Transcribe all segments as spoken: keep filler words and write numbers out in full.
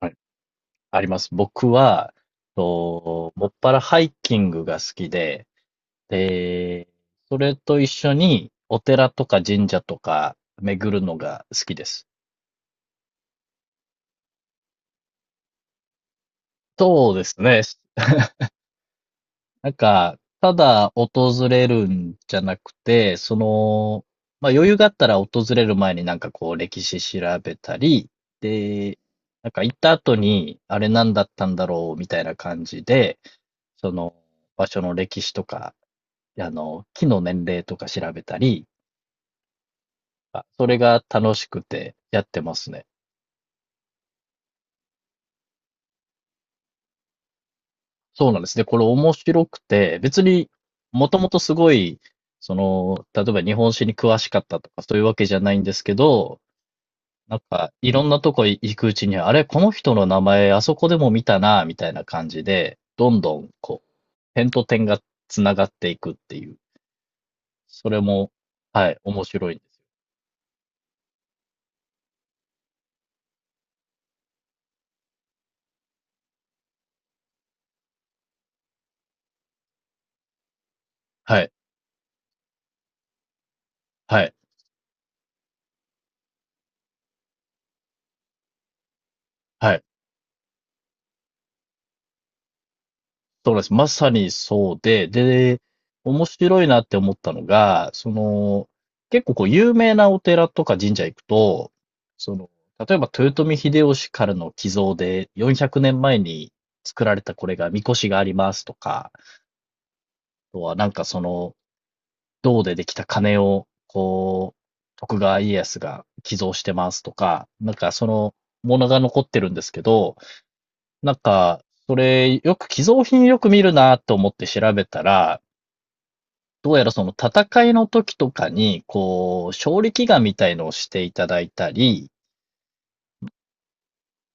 はい、あります。僕は、と、もっぱらハイキングが好きで、で、それと一緒にお寺とか神社とか巡るのが好きです。そうですね。なんか、ただ訪れるんじゃなくて、その、まあ余裕があったら訪れる前になんかこう歴史調べたり、で、なんか行った後にあれ何だったんだろうみたいな感じで、その場所の歴史とかあの、木の年齢とか調べたり、あそれが楽しくてやってますね。そうなんですね。これ面白くて、別にもともとすごい、その、例えば日本史に詳しかったとかそういうわけじゃないんですけど、なんかいろんなとこ行くうちに、あれ、この人の名前あそこでも見たな、みたいな感じで、どんどんこう、点と点がつながっていくっていう。それも、はい、面白いんですよ。はい、はい、はい。そうです。まさにそうで、で、面白いなって思ったのが、その、結構こう有名なお寺とか神社行くと、その、例えば豊臣秀吉からの寄贈でよんひゃくねんまえに作られたこれが、神輿がありますとか、あとはなんかその、銅でできた鐘を、こう、徳川家康が寄贈してますとか、なんかその、ものが残ってるんですけど、なんか、それ、よく寄贈品よく見るなと思って調べたら、どうやらその戦いの時とかに、こう、勝利祈願みたいのをしていただいたり、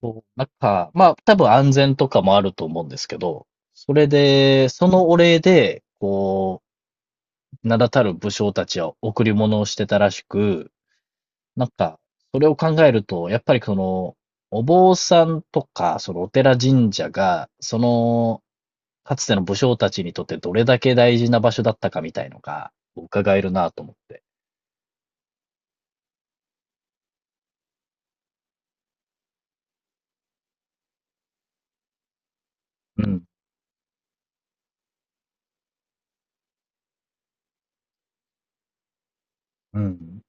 こう、なんか、まあ、多分安全とかもあると思うんですけど、それで、そのお礼で、こう、名だたる武将たちは贈り物をしてたらしく、なんか、それを考えると、やっぱりその、お坊さんとか、そのお寺神社が、その、かつての武将たちにとってどれだけ大事な場所だったかみたいのが、伺えるなと思って。うん。うん。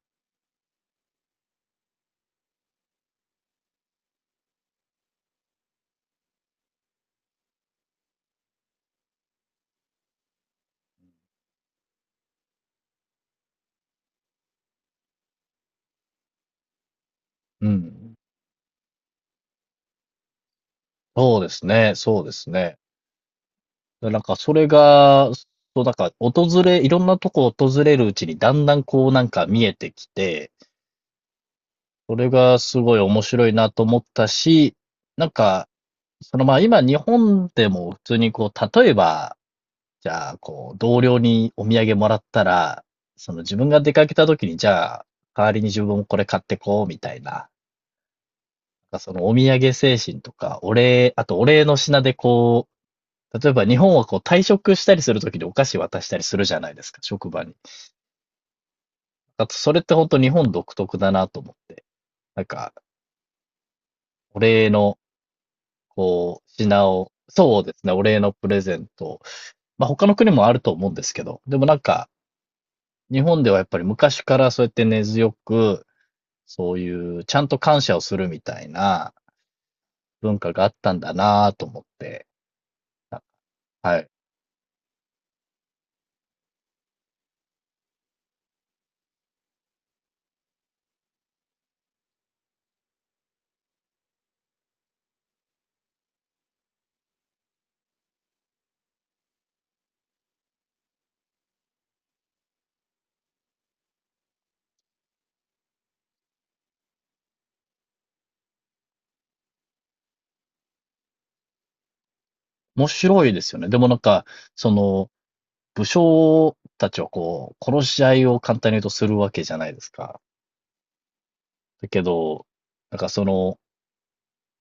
うん。そうですね、そうですね。で、なんかそれが、そう、なんか訪れいろんなとこ訪れるうちにだんだんこうなんか見えてきて、それがすごい面白いなと思ったし、なんか、その、ま、今日本でも普通にこう、例えば、じゃあ、こう、同僚にお土産もらったら、その自分が出かけた時に、じゃあ、代わりに自分もこれ買ってこうみたいな、なんかそのお土産精神とか、お礼あとお礼の品でこう例えば日本はこう退職したりするときにお菓子渡したりするじゃないですか、職場に。あと、それって本当日本独特だなと思って。なんか、お礼の、こう、品を、そうですね、お礼のプレゼント。まあ他の国もあると思うんですけど、でもなんか、日本ではやっぱり昔からそうやって根強く、そういうちゃんと感謝をするみたいな文化があったんだなと思って、はい。面白いですよね。でもなんか、その、武将たちをこう、殺し合いを簡単に言うとするわけじゃないですか。だけど、なんかその、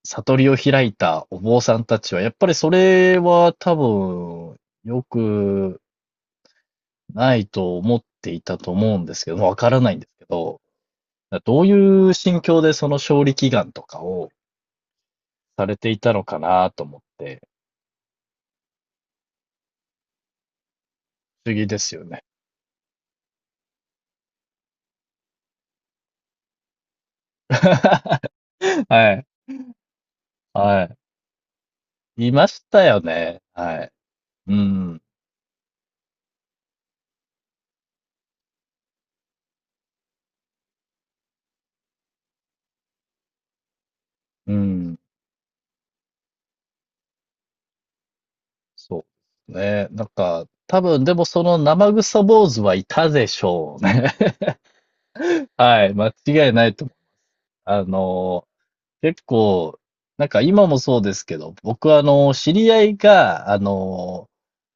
悟りを開いたお坊さんたちは、やっぱりそれは多分、良くないと思っていたと思うんですけど、わからないんですけど、どういう心境でその勝利祈願とかをされていたのかなと思って、不思議ですよね。はい、はい。いましたよね。はい。うん、うん。そうですね。なんか、多分、でもその生臭坊主はいたでしょうね。はい。間違いないと思う。あの、結構、なんか今もそうですけど、僕はあの、知り合いが、あの、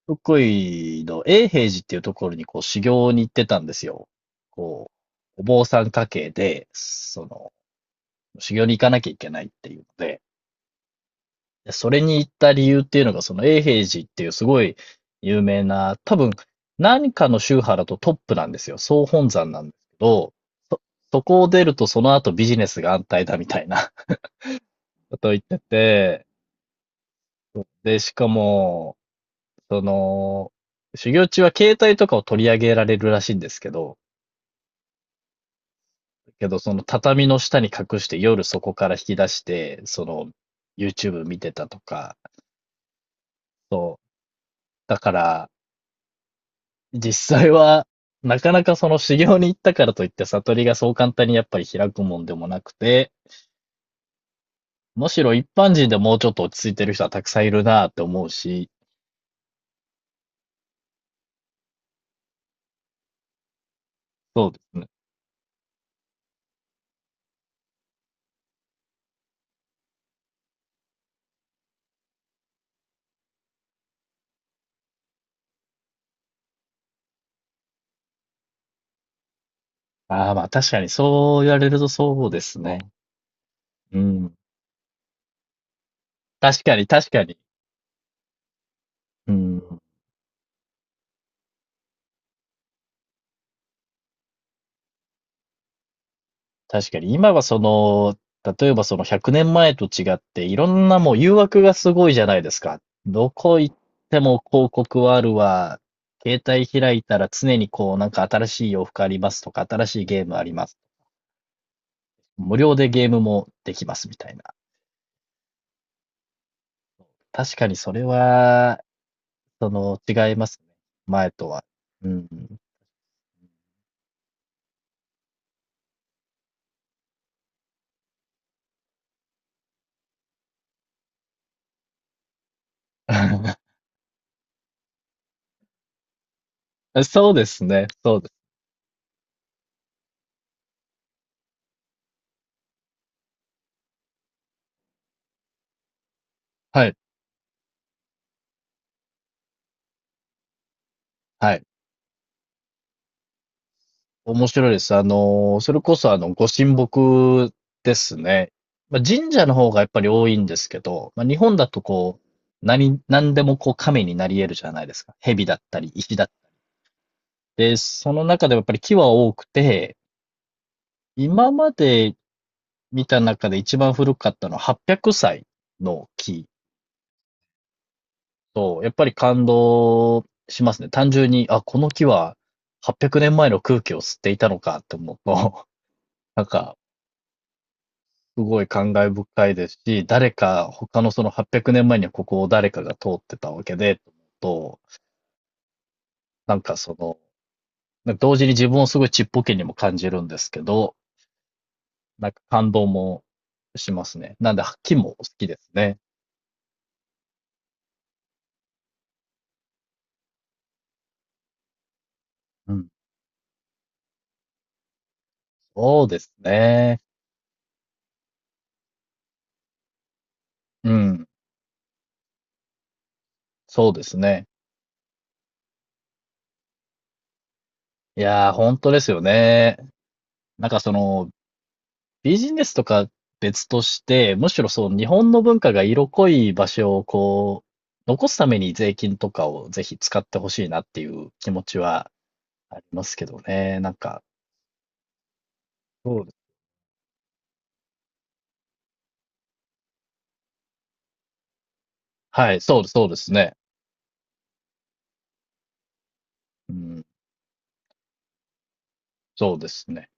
福井の永平寺っていうところにこう修行に行ってたんですよ。こう、お坊さん家系で、その、修行に行かなきゃいけないっていうので、でそれに行った理由っていうのが、その永平寺っていうすごい有名な、多分何かの宗派だとトップなんですよ。総本山なんですけど、そ、そこを出るとその後ビジネスが安泰だみたいな ことを言ってて、で、しかも、その、修行中は携帯とかを取り上げられるらしいんですけど、けどその畳の下に隠して夜そこから引き出して、その YouTube 見てたとか、そう。だから、実際は、なかなかその修行に行ったからといって悟りがそう簡単にやっぱり開くもんでもなくて、むしろ一般人でもうちょっと落ち着いてる人はたくさんいるなって思うし、そうですね。ああ、まあ確かにそう言われるとそうですね。うん。確かに確かに。うん。確かに、今はその、例えばそのひゃくねんまえと違って、いろんなもう誘惑がすごいじゃないですか。どこ行っても広告はあるわ。携帯開いたら常にこう、なんか新しい洋服ありますとか、新しいゲームあります。無料でゲームもできますみたいな。確かにそれは、その、違いますね。前とは。うん。そうですね。そうです。はい。はい。面白いです。あの、それこそあの、ご神木ですね。まあ、神社の方がやっぱり多いんですけど、まあ、日本だとこう、何、何でもこう神になり得るじゃないですか。蛇だったり、石だったり。で、その中でもやっぱり木は多くて、今まで見た中で一番古かったのははっぴゃくさいの木と、やっぱり感動しますね。単純に、あ、この木ははっぴゃくねんまえの空気を吸っていたのかって思うと、なんか、すごい感慨深いですし、誰か、他のそのはっぴゃくねんまえにはここを誰かが通ってたわけで、と思うと、なんかその、なんか同時に自分をすごいちっぽけにも感じるんですけど、なんか感動もしますね。なんで、木も好きですね。うん。そうですね。うん。そうですね。いや、ー本当ですよね。なんかその、ビジネスとか別として、むしろそう、日本の文化が色濃い場所をこう、残すために税金とかをぜひ使ってほしいなっていう気持ちはありますけどね。なんか、そうです。はい、そうです、そうですね。うん、そうですね。